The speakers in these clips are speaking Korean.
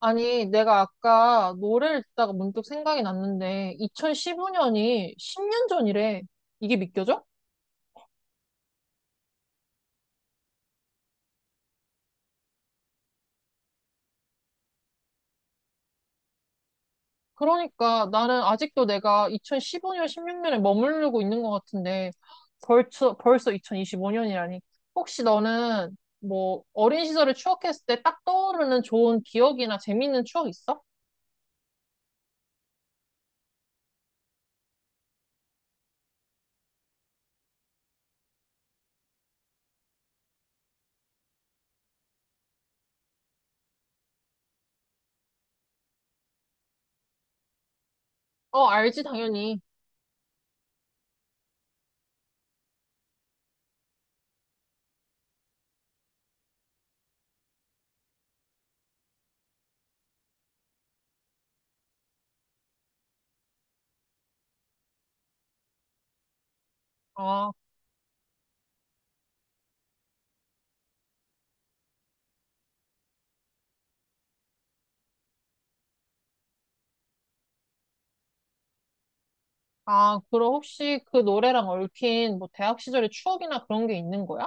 아니, 내가 아까 노래를 듣다가 문득 생각이 났는데, 2015년이 10년 전이래. 이게 믿겨져? 그러니까 나는 아직도 내가 2015년, 16년에 머무르고 있는 것 같은데, 벌써 2025년이라니. 혹시 너는 뭐 어린 시절을 추억했을 때 딱 떠오르는 좋은 기억이나 재밌는 추억 있어? 어, 알지, 당연히. 아, 아, 그럼 혹시 그 노래랑 얽힌 뭐 대학 시절의 추억이나 그런 게 있는 거야?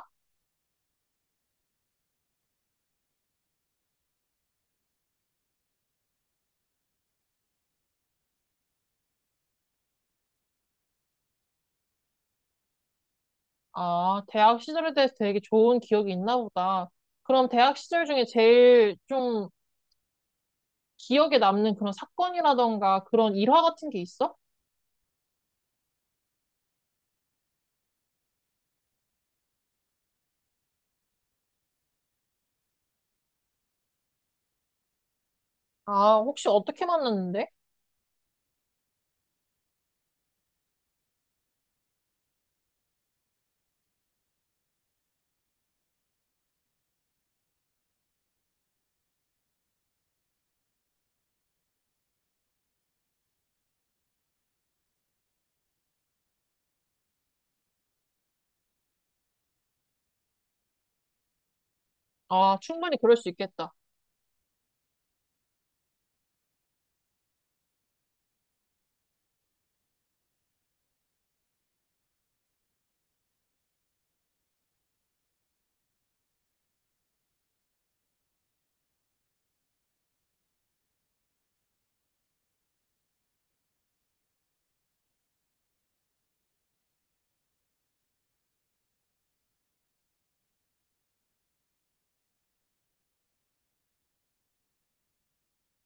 아, 대학 시절에 대해서 되게 좋은 기억이 있나 보다. 그럼 대학 시절 중에 제일 좀 기억에 남는 그런 사건이라던가 그런 일화 같은 게 있어? 아, 혹시 어떻게 만났는데? 아, 충분히 그럴 수 있겠다.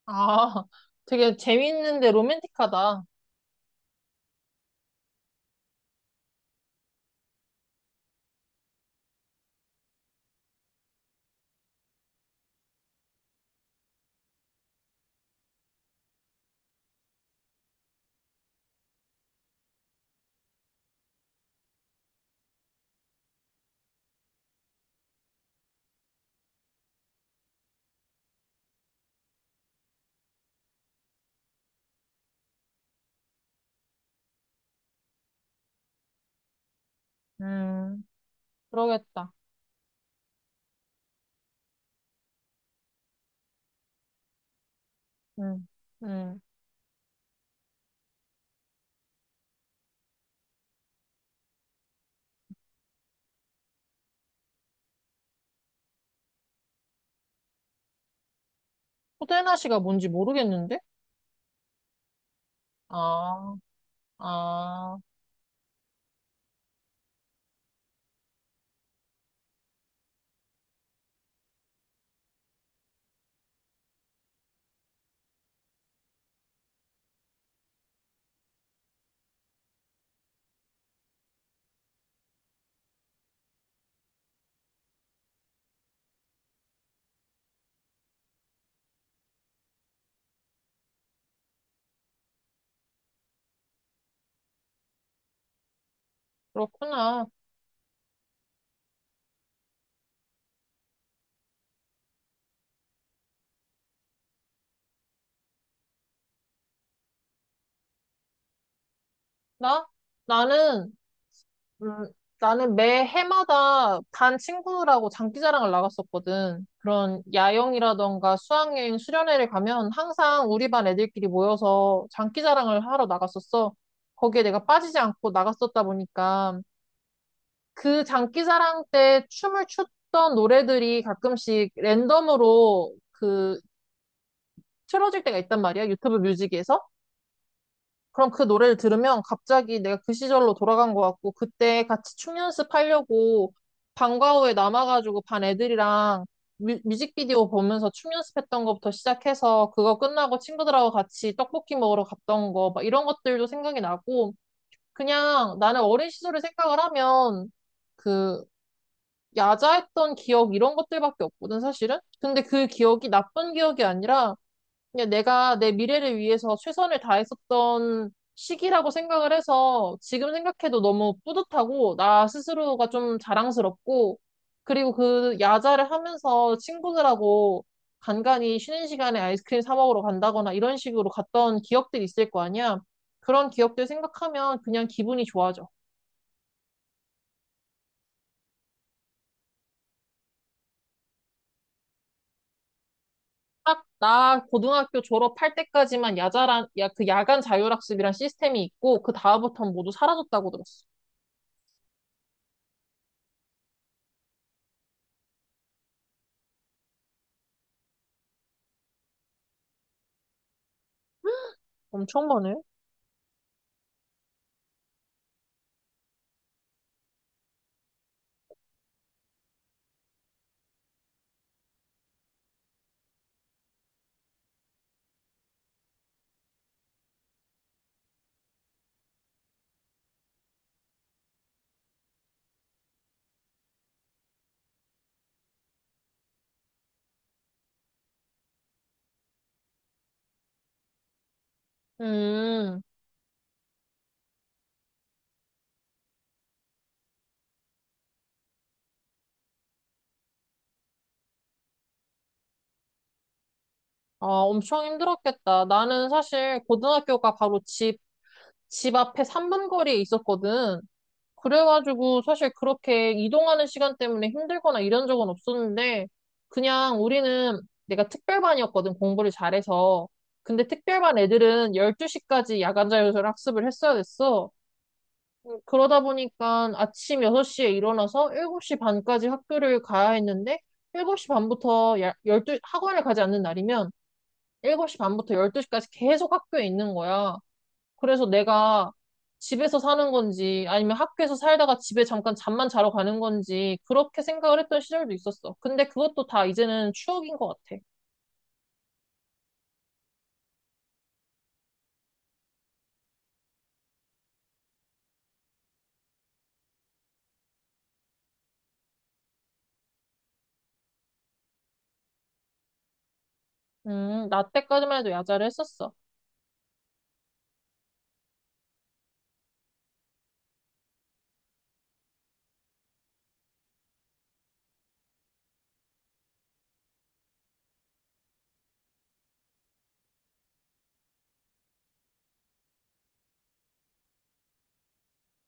아, 되게 재밌는데 로맨틱하다. 음, 그러겠다. 음, 음. 호대나시가 뭔지 모르겠는데? 아, 아, 그렇구나. 나? 나는 음, 나는 매 해마다 반 친구들하고 장기자랑을 나갔었거든. 그런 야영이라던가 수학여행, 수련회를 가면 항상 우리 반 애들끼리 모여서 장기자랑을 하러 나갔었어. 거기에 내가 빠지지 않고 나갔었다 보니까 그 장기자랑 때 춤을 췄던 노래들이 가끔씩 랜덤으로 그 틀어질 때가 있단 말이야. 유튜브 뮤직에서. 그럼 그 노래를 들으면 갑자기 내가 그 시절로 돌아간 것 같고, 그때 같이 춤 연습하려고 방과 후에 남아가지고 반 애들이랑 뮤직비디오 보면서 춤 연습했던 것부터 시작해서 그거 끝나고 친구들하고 같이 떡볶이 먹으러 갔던 거, 막 이런 것들도 생각이 나고, 그냥 나는 어린 시절을 생각을 하면 그 야자했던 기억 이런 것들밖에 없거든, 사실은. 근데 그 기억이 나쁜 기억이 아니라 그냥 내가 내 미래를 위해서 최선을 다했었던 시기라고 생각을 해서 지금 생각해도 너무 뿌듯하고 나 스스로가 좀 자랑스럽고 그리고 그 야자를 하면서 친구들하고 간간히 쉬는 시간에 아이스크림 사 먹으러 간다거나 이런 식으로 갔던 기억들이 있을 거 아니야. 그런 기억들 생각하면 그냥 기분이 좋아져. 딱 나 고등학교 졸업할 때까지만 그 야간 자율학습이란 시스템이 있고 그 다음부터는 모두 사라졌다고 들었어. 엄청 많네. 음, 아, 엄청 힘들었겠다. 나는 사실 고등학교가 바로 집 앞에 3분 거리에 있었거든. 그래가지고 사실 그렇게 이동하는 시간 때문에 힘들거나 이런 적은 없었는데, 그냥 우리는 내가 특별반이었거든, 공부를 잘해서. 근데 특별반 애들은 12시까지 야간 자율 학습을 했어야 됐어. 그러다 보니까 아침 6시에 일어나서 7시 반까지 학교를 가야 했는데, 7시 반부터 열두 학원을 가지 않는 날이면 7시 반부터 12시까지 계속 학교에 있는 거야. 그래서 내가 집에서 사는 건지 아니면 학교에서 살다가 집에 잠깐 잠만 자러 가는 건지 그렇게 생각을 했던 시절도 있었어. 근데 그것도 다 이제는 추억인 것 같아. 나 때까지만 해도 야자를 했었어.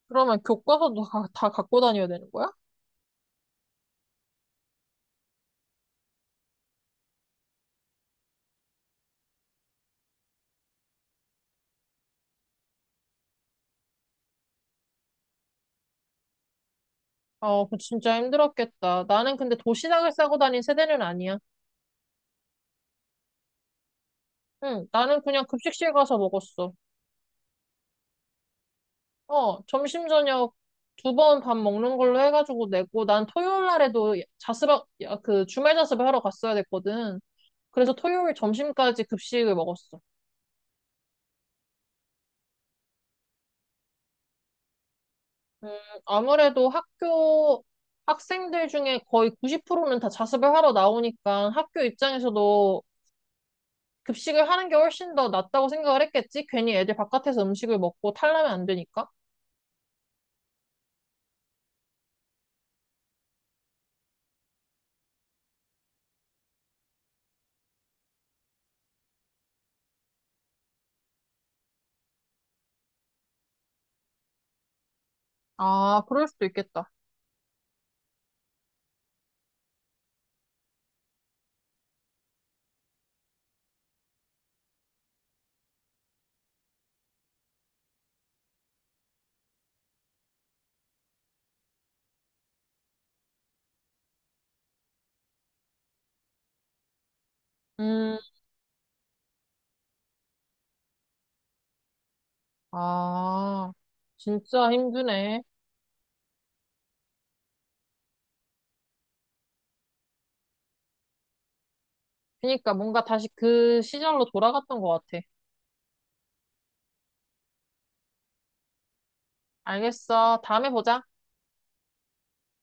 그러면 교과서도 다 갖고 다녀야 되는 거야? 아, 그 진짜 힘들었겠다. 나는 근데 도시락을 싸고 다닌 세대는 아니야. 응, 나는 그냥 급식실 가서 먹었어. 어, 점심 저녁 두 번 밥 먹는 걸로 해가지고 내고 난 토요일 날에도 그 주말 자습을 하러 갔어야 됐거든. 그래서 토요일 점심까지 급식을 먹었어. 음, 아무래도 학교 학생들 중에 거의 90%는 다 자습을 하러 나오니까 학교 입장에서도 급식을 하는 게 훨씬 더 낫다고 생각을 했겠지? 괜히 애들 바깥에서 음식을 먹고 탈라면 안 되니까. 아, 그럴 수도 있겠다. 음, 아, 진짜 힘드네. 그러니까 뭔가 다시 그 시절로 돌아갔던 것 같아. 알겠어. 다음에 보자.